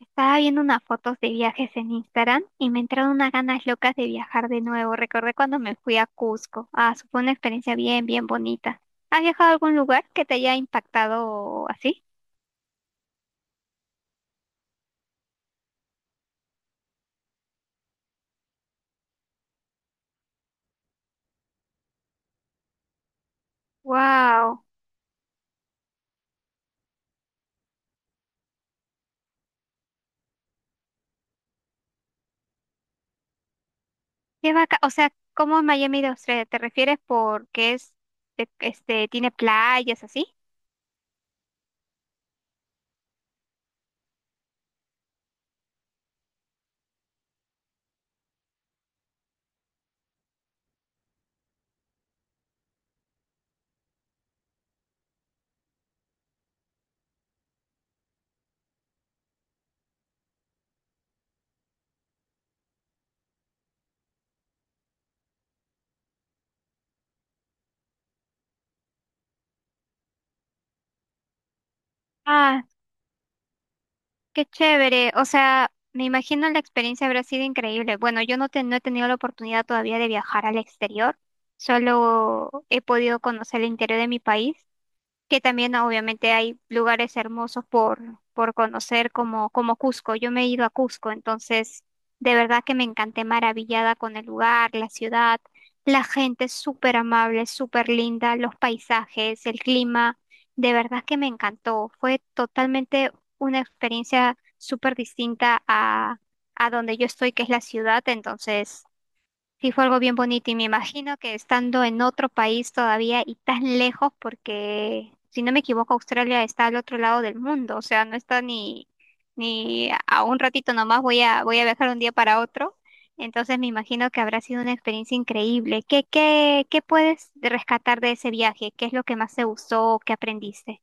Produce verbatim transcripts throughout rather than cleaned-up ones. Estaba viendo unas fotos de viajes en Instagram y me entraron unas ganas locas de viajar de nuevo. Recordé cuando me fui a Cusco. Ah, eso fue una experiencia bien, bien bonita. ¿Has viajado a algún lugar que te haya impactado así? Wow, qué vaca. O sea, ¿cómo Miami de Australia? ¿Te refieres porque es, de- este, tiene playas así? Ah, qué chévere. O sea, me imagino la experiencia habrá sido increíble. Bueno, yo no, te- no he tenido la oportunidad todavía de viajar al exterior, solo he podido conocer el interior de mi país, que también ah, obviamente hay lugares hermosos por, por conocer como, como Cusco. Yo me he ido a Cusco, entonces de verdad que me encanté maravillada con el lugar, la ciudad, la gente es súper amable, súper linda, los paisajes, el clima, de verdad que me encantó. Fue totalmente una experiencia súper distinta a, a donde yo estoy, que es la ciudad. Entonces sí, fue algo bien bonito y me imagino que estando en otro país todavía y tan lejos, porque si no me equivoco, Australia está al otro lado del mundo. O sea, no está ni, ni a un ratito nomás. Voy a, voy a viajar un día para otro. Entonces me imagino que habrá sido una experiencia increíble. ¿Qué, qué, qué puedes rescatar de ese viaje? ¿Qué es lo que más te gustó o qué aprendiste?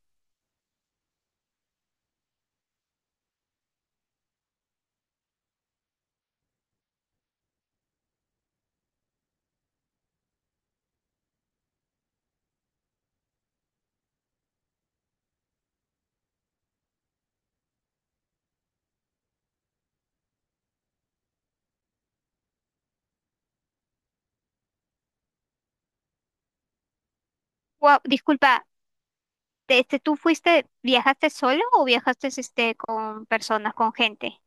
Guau, disculpa, este, ¿tú fuiste, viajaste solo o viajaste este, con personas, con gente?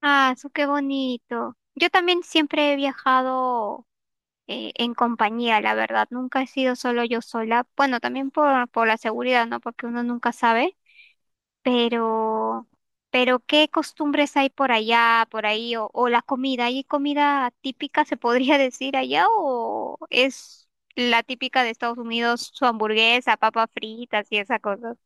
Ah, su qué bonito. Yo también siempre he viajado eh, en compañía, la verdad. Nunca he sido solo yo sola. Bueno, también por, por la seguridad, ¿no? Porque uno nunca sabe. Pero, pero ¿qué costumbres hay por allá, por ahí? O, o la comida. ¿Hay comida típica, se podría decir allá? ¿O es la típica de Estados Unidos, su hamburguesa, papas fritas y esa cosa?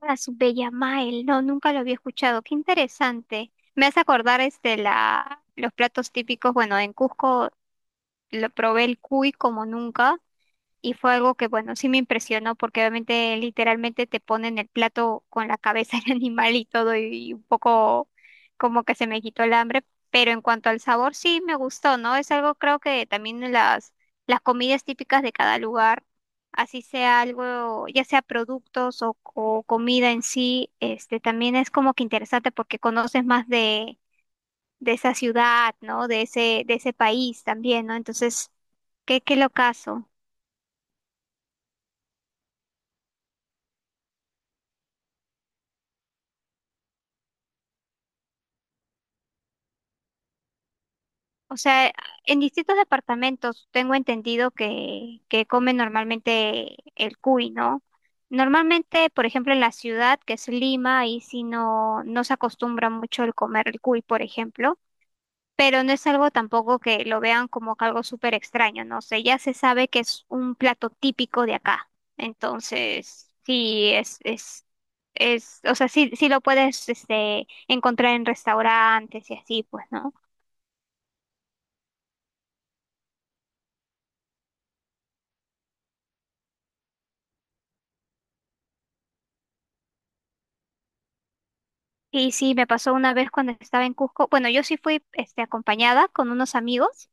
Ah, su Bella Mael, no, nunca lo había escuchado. Qué interesante. Me hace acordar este la los platos típicos. Bueno, en Cusco lo probé el cuy como nunca. Y fue algo que, bueno, sí me impresionó porque obviamente literalmente te ponen el plato con la cabeza del animal y todo y un poco como que se me quitó el hambre, pero en cuanto al sabor sí me gustó, ¿no? Es algo, creo que también las, las comidas típicas de cada lugar, así sea algo, ya sea productos o, o comida en sí, este también es como que interesante porque conoces más de, de esa ciudad, ¿no? De ese, de ese país también, ¿no? Entonces, qué, qué locazo. O sea, en distintos departamentos tengo entendido que, que comen normalmente el cuy, ¿no? Normalmente, por ejemplo, en la ciudad, que es Lima, ahí sí no, no se acostumbra mucho el comer el cuy, por ejemplo, pero no es algo tampoco que lo vean como que algo súper extraño, ¿no? O sea, ya se sabe que es un plato típico de acá. Entonces, sí, es, es, es, o sea, sí, sí lo puedes, este, encontrar en restaurantes y así, pues, ¿no? Y sí, me pasó una vez cuando estaba en Cusco. Bueno, yo sí fui este, acompañada con unos amigos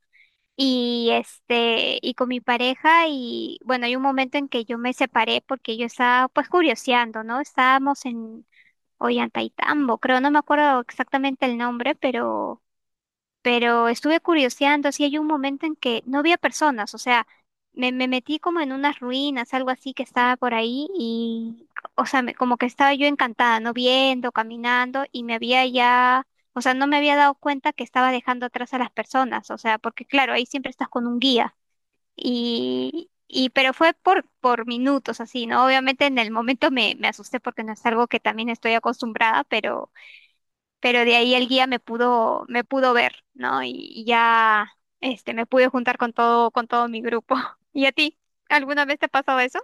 y, este, y con mi pareja. Y bueno, hay un momento en que yo me separé porque yo estaba pues curioseando, ¿no? Estábamos en Ollantaytambo, creo, no me acuerdo exactamente el nombre, pero pero estuve curioseando. Así hay un momento en que no había personas, o sea, me, me metí como en unas ruinas, algo así que estaba por ahí y, o sea, me- como que estaba yo encantada, ¿no? Viendo, caminando y me había ya, o sea, no me había dado cuenta que estaba dejando atrás a las personas, o sea, porque claro, ahí siempre estás con un guía y... Y pero fue por, por minutos así, ¿no? Obviamente en el momento me, me asusté porque no es algo que también estoy acostumbrada, pero, pero de ahí el guía me pudo, me pudo ver, ¿no? Y, y ya, este, me pude juntar con todo, con todo mi grupo. ¿Y a ti? ¿Alguna vez te ha pasado eso?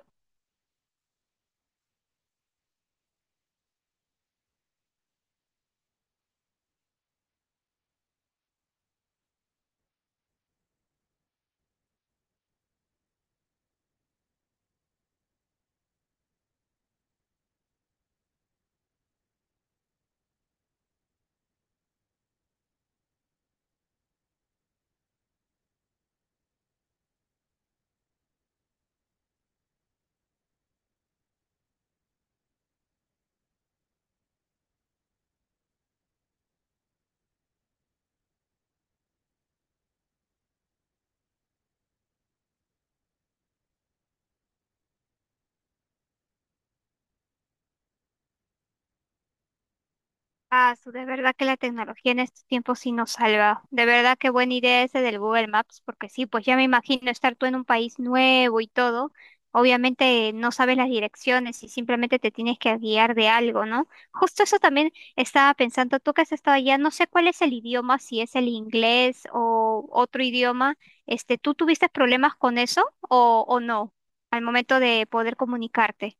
Ah, su- de verdad que la tecnología en estos tiempos sí nos salva. De verdad que buena idea ese del Google Maps, porque sí, pues ya me imagino estar tú en un país nuevo y todo. Obviamente no sabes las direcciones y simplemente te tienes que guiar de algo, ¿no? Justo eso también estaba pensando, tú que has estado allá, no sé cuál es el idioma, si es el inglés o otro idioma. Este, ¿tú tuviste problemas con eso o, o no al momento de poder comunicarte?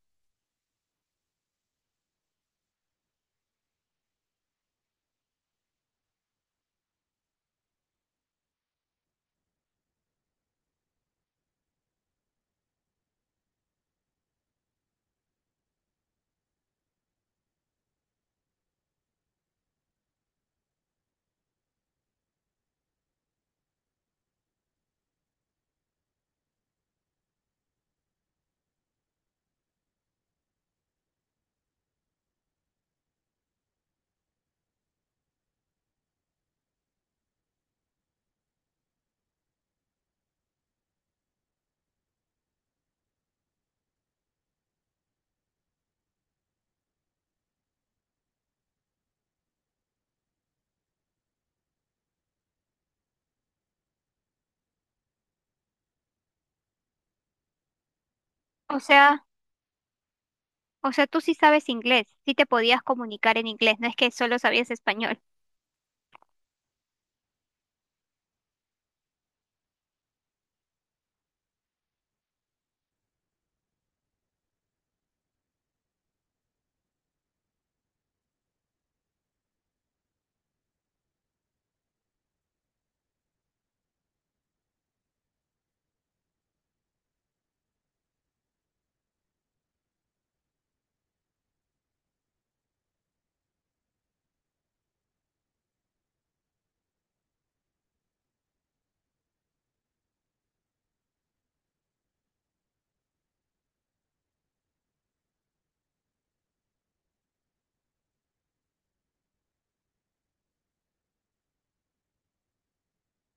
O sea... O sea, tú sí sabes inglés, sí te podías comunicar en inglés, no es que solo sabías español.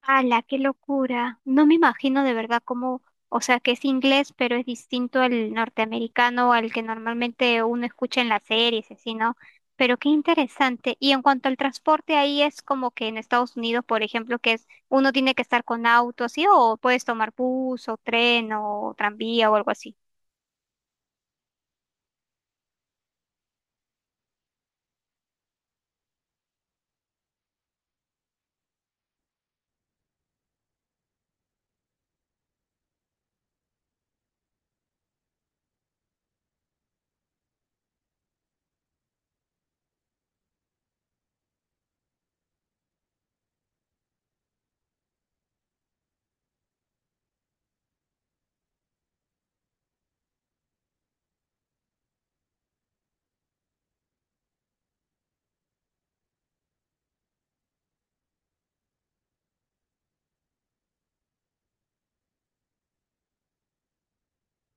¡Hala, qué locura! No me imagino de verdad cómo, o sea, que es inglés, pero es distinto al norteamericano, al que normalmente uno escucha en las series, así, ¿no? Pero qué interesante. Y en cuanto al transporte, ahí es como que en Estados Unidos, por ejemplo, que es uno tiene que estar con auto, así, o puedes tomar bus o tren o tranvía o algo así.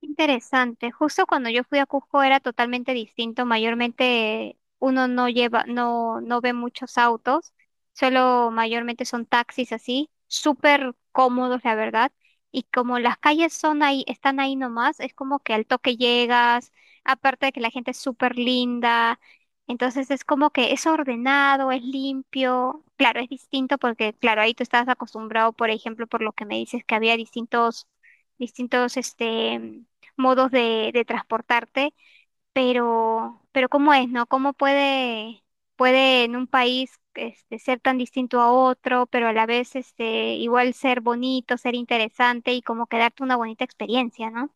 Interesante. Justo cuando yo fui a Cusco era totalmente distinto. Mayormente uno no lleva, no, no ve muchos autos, solo mayormente son taxis así, súper cómodos, la verdad. Y como las calles son ahí, están ahí nomás, es como que al toque llegas, aparte de que la gente es súper linda. Entonces es como que es ordenado, es limpio. Claro, es distinto porque, claro, ahí tú estás acostumbrado, por ejemplo, por lo que me dices, que había distintos, distintos, este modos de, de transportarte, pero, pero ¿cómo es, no? ¿Cómo puede, puede en un país este, ser tan distinto a otro, pero a la vez este, igual ser bonito, ser interesante y como quedarte una bonita experiencia, ¿no?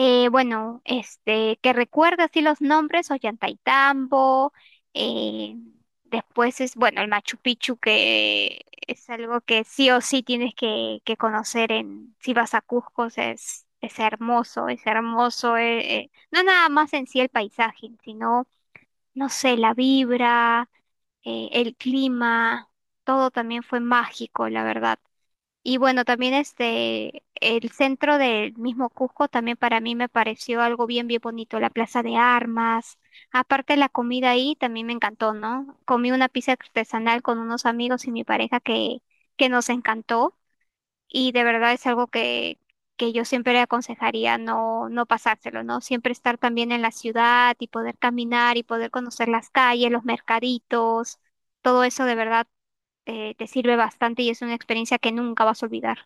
Eh, bueno, este, que recuerda así los nombres, Ollantaytambo, eh, después es, bueno, el Machu Picchu, que es algo que sí o sí tienes que, que conocer en, si vas a Cusco, o sea, es, es hermoso, es hermoso, eh, eh, no nada más en sí el paisaje, sino, no sé, la vibra, eh, el clima, todo también fue mágico, la verdad. Y bueno, también este, el centro del mismo Cusco también para mí me pareció algo bien, bien bonito, la plaza de armas. Aparte la comida ahí también me encantó, ¿no? Comí una pizza artesanal con unos amigos y mi pareja que, que nos encantó y de verdad es algo que, que yo siempre le aconsejaría no, no pasárselo, ¿no? Siempre estar también en la ciudad y poder caminar y poder conocer las calles, los mercaditos, todo eso de verdad eh, te sirve bastante y es una experiencia que nunca vas a olvidar.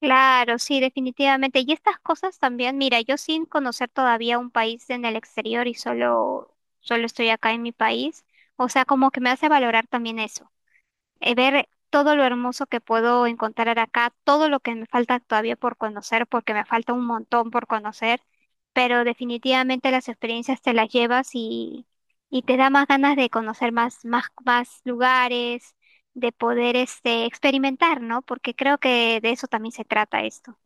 Claro, sí, definitivamente. Y estas cosas también, mira, yo sin conocer todavía un país en el exterior y solo, solo estoy acá en mi país, o sea, como que me hace valorar también eso eh, ver todo lo hermoso que puedo encontrar acá, todo lo que me falta todavía por conocer, porque me falta un montón por conocer, pero definitivamente las experiencias te las llevas y, y te da más ganas de conocer más, más, más lugares, de poder este, experimentar, ¿no? Porque creo que de eso también se trata esto.